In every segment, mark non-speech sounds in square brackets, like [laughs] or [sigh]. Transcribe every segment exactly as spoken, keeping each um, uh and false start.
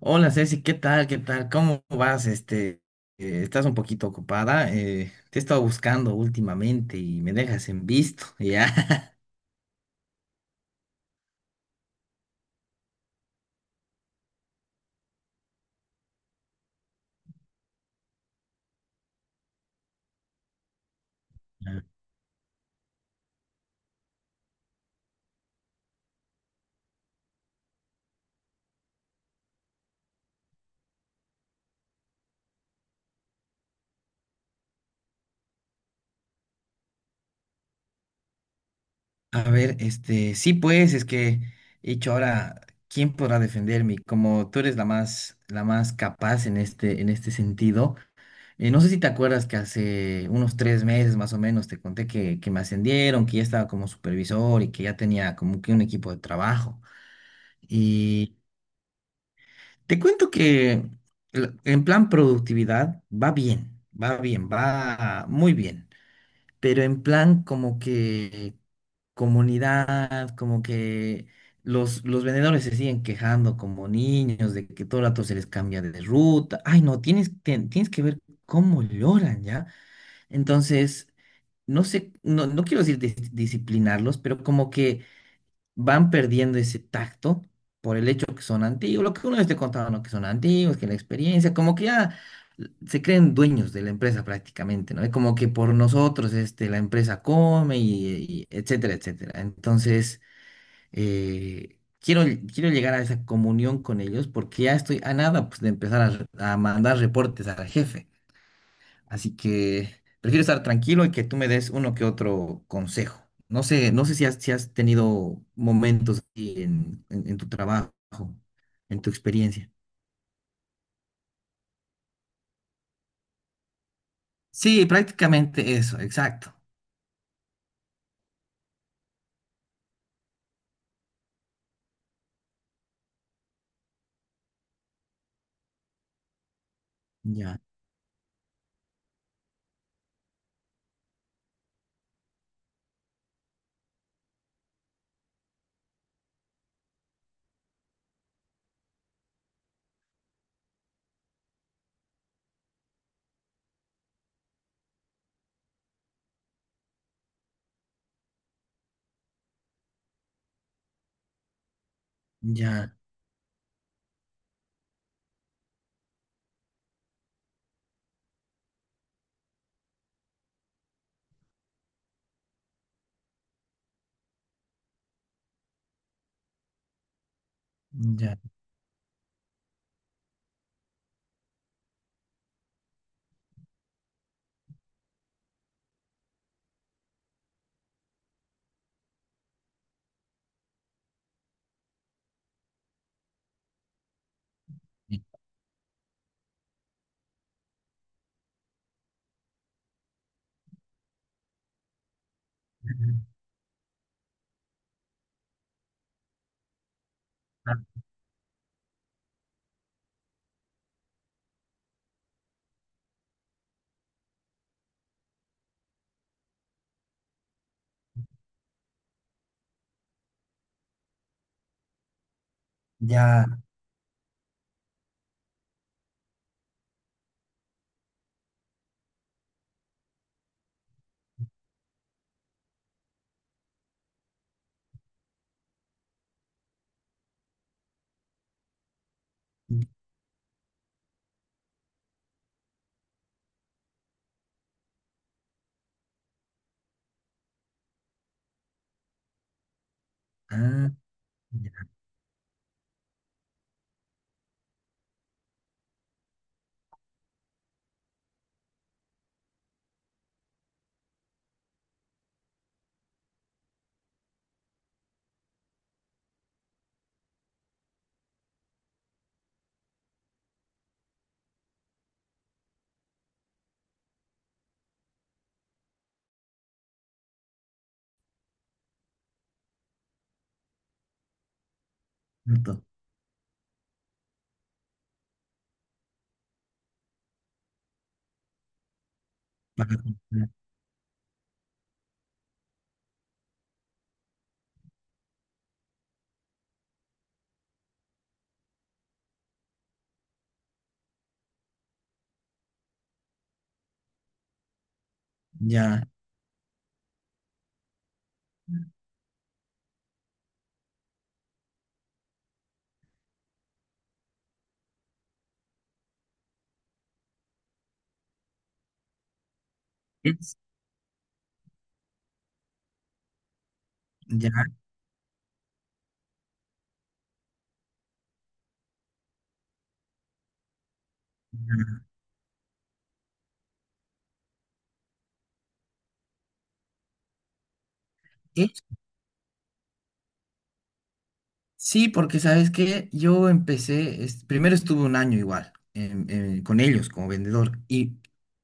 Hola Ceci, ¿qué tal? ¿Qué tal? ¿Cómo vas? Este, eh, estás un poquito ocupada. Eh, te he estado buscando últimamente y me dejas en visto, [laughs] ¿ya? A ver, este, sí, pues, es que he dicho ahora, ¿quién podrá defenderme? Como tú eres la más, la más capaz en este, en este sentido. Eh, no sé si te acuerdas que hace unos tres meses más o menos te conté que, que me ascendieron, que ya estaba como supervisor y que ya tenía como que un equipo de trabajo. Te cuento que la- en plan productividad va bien, va bien, va muy bien, pero en plan como que comunidad, como que los, los vendedores se siguen quejando como niños de que todo el rato se les cambia de ruta. Ay, no, tienes, ten- tienes que ver cómo lloran, ¿ya? Entonces, no sé, no, no quiero decir dis- disciplinarlos, pero como que van perdiendo ese tacto por el hecho que son antiguos, lo que uno les te contaba, ¿no? Que son antiguos, que la experiencia, como que ya se creen dueños de la empresa prácticamente, ¿no? Es como que por nosotros, este, la empresa come y, y etcétera, etcétera. Entonces, eh, quiero, quiero llegar a esa comunión con ellos porque ya estoy a nada, pues, de empezar a, a mandar reportes al jefe. Así que prefiero estar tranquilo y que tú me des uno que otro consejo. No sé, no sé si has, si has tenido momentos así en, en- en tu trabajo, en tu experiencia. Sí, prácticamente eso, exacto. Ya, ya, ya. Ya, ya. Ah, ya. Pronto, para comprar, ya. Es, ya. Sí, porque sabes que yo empecé, es- primero estuve un año igual em, em, con ellos como vendedor y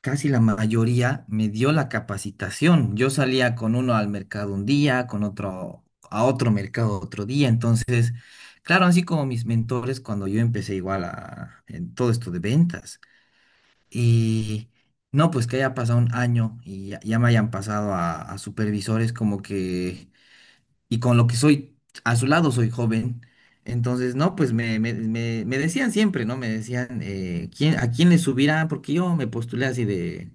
casi la mayoría me dio la capacitación. Yo salía con uno al mercado un día, con otro a otro mercado otro día. Entonces, claro, así como mis mentores cuando yo empecé igual a, en todo esto de ventas. Y no, pues que haya pasado un año y ya, ya me hayan pasado a a supervisores como que y con lo que soy, a su lado soy joven. Entonces, no, pues me, me, me- me decían siempre, ¿no? Me decían, eh, ¿quién, ¿a quién le subirá? Porque yo me postulé así de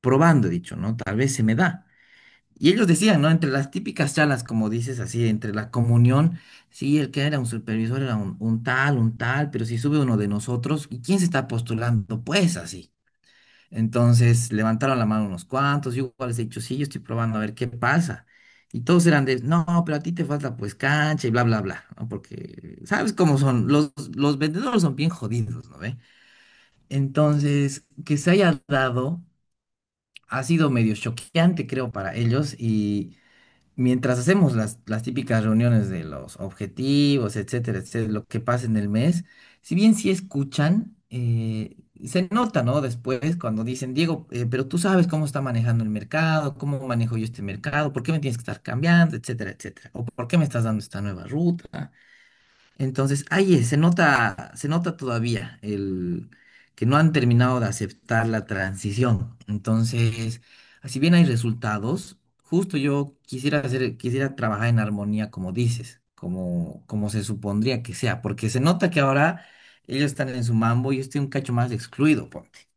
probando, he dicho, ¿no? Tal vez se me da. Y ellos decían, ¿no? Entre las típicas charlas, como dices, así, entre la comunión, sí, el que era un supervisor era un, un tal, un tal, pero si sube uno de nosotros, ¿y quién se está postulando? Pues así. Entonces levantaron la mano unos cuantos, yo igual les he dicho, sí, yo estoy probando a ver qué pasa. Y todos eran de, no, pero a ti te falta pues cancha y bla, bla, bla, ¿no? Porque, ¿sabes cómo son? Los, los vendedores son bien jodidos, ¿no ve? Entonces, que se haya dado ha sido medio choqueante, creo, para ellos y mientras hacemos las, las típicas reuniones de los objetivos, etcétera, etcétera, lo que pasa en el mes, si bien sí escuchan, eh, se nota, ¿no? Después cuando dicen, Diego, eh, pero tú sabes cómo está manejando el mercado, cómo manejo yo este mercado, por qué me tienes que estar cambiando, etcétera, etcétera, o por qué me estás dando esta nueva ruta. Entonces, ahí es, se nota, se nota todavía el que no han terminado de aceptar la transición. Entonces, así bien hay resultados, justo yo quisiera hacer, quisiera trabajar en armonía, como dices, como, como se supondría que sea, porque se nota que ahora ellos están en su mambo y yo estoy un cacho más excluido, ponte.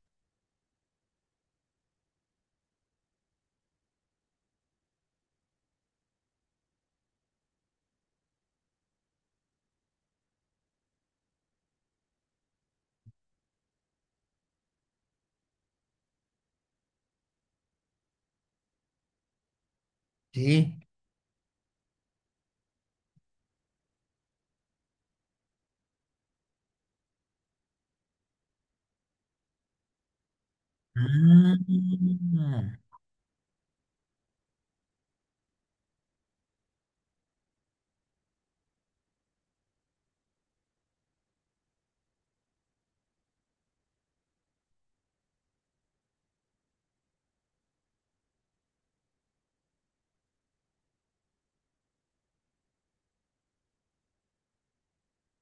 Sí. Ah,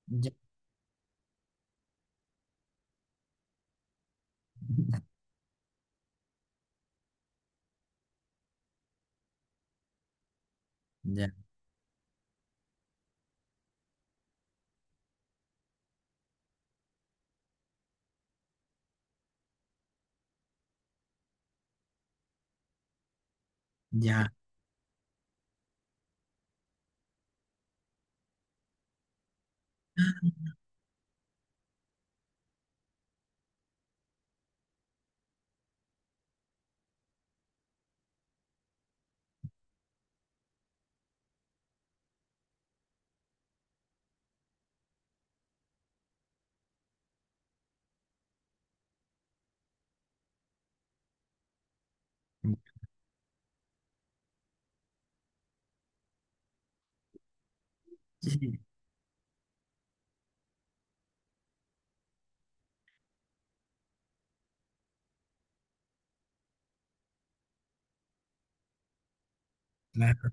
ya, ya, ya. Sí, claro.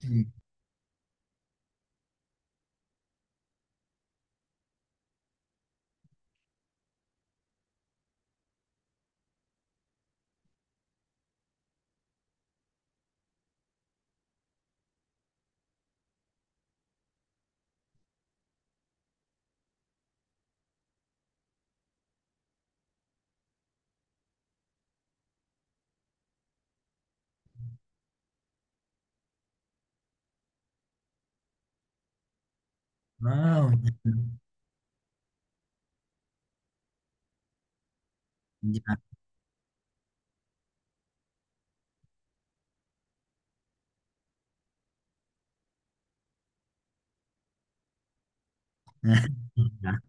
Sí. Wow. Ya. [laughs]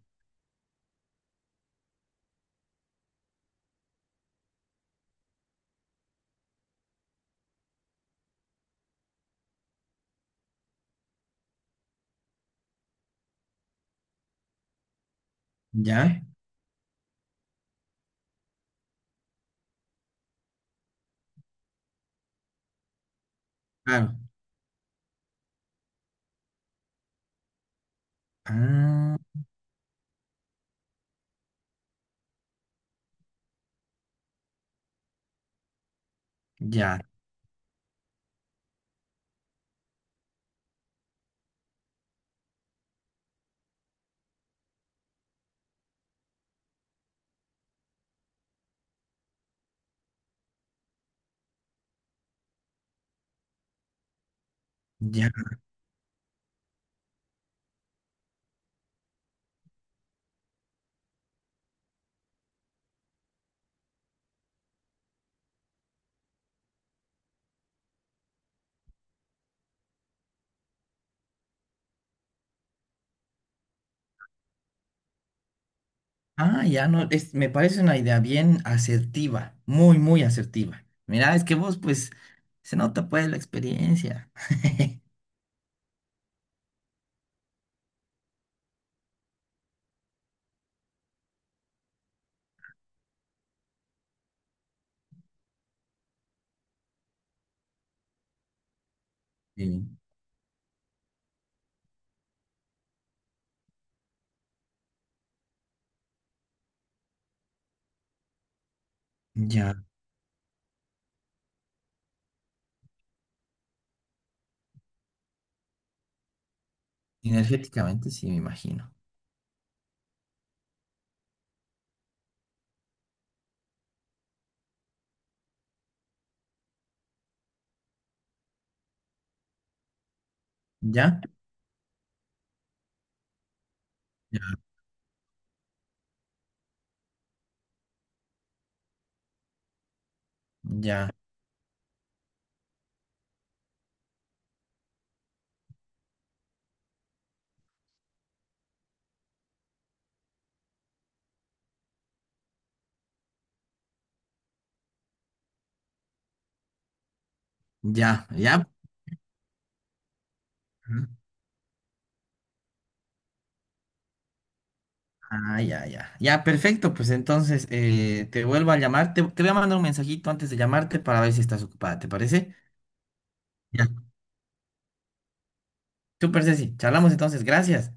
Ya, claro. Ah, ya, ya. Ah, ya no, es, me parece una idea bien asertiva, muy, muy asertiva. Mira, es que vos, pues, se nota pues la experiencia. [laughs] Sí, ya, energéticamente sí, me imagino. Ya, ya, ya, ya, ya. Ujú. Ah, ya, ya. Ya, perfecto, pues entonces eh, te vuelvo a llamar, te, te voy a mandar un mensajito antes de llamarte para ver si estás ocupada, ¿te parece? Ya. Súper, Ceci, charlamos entonces, gracias.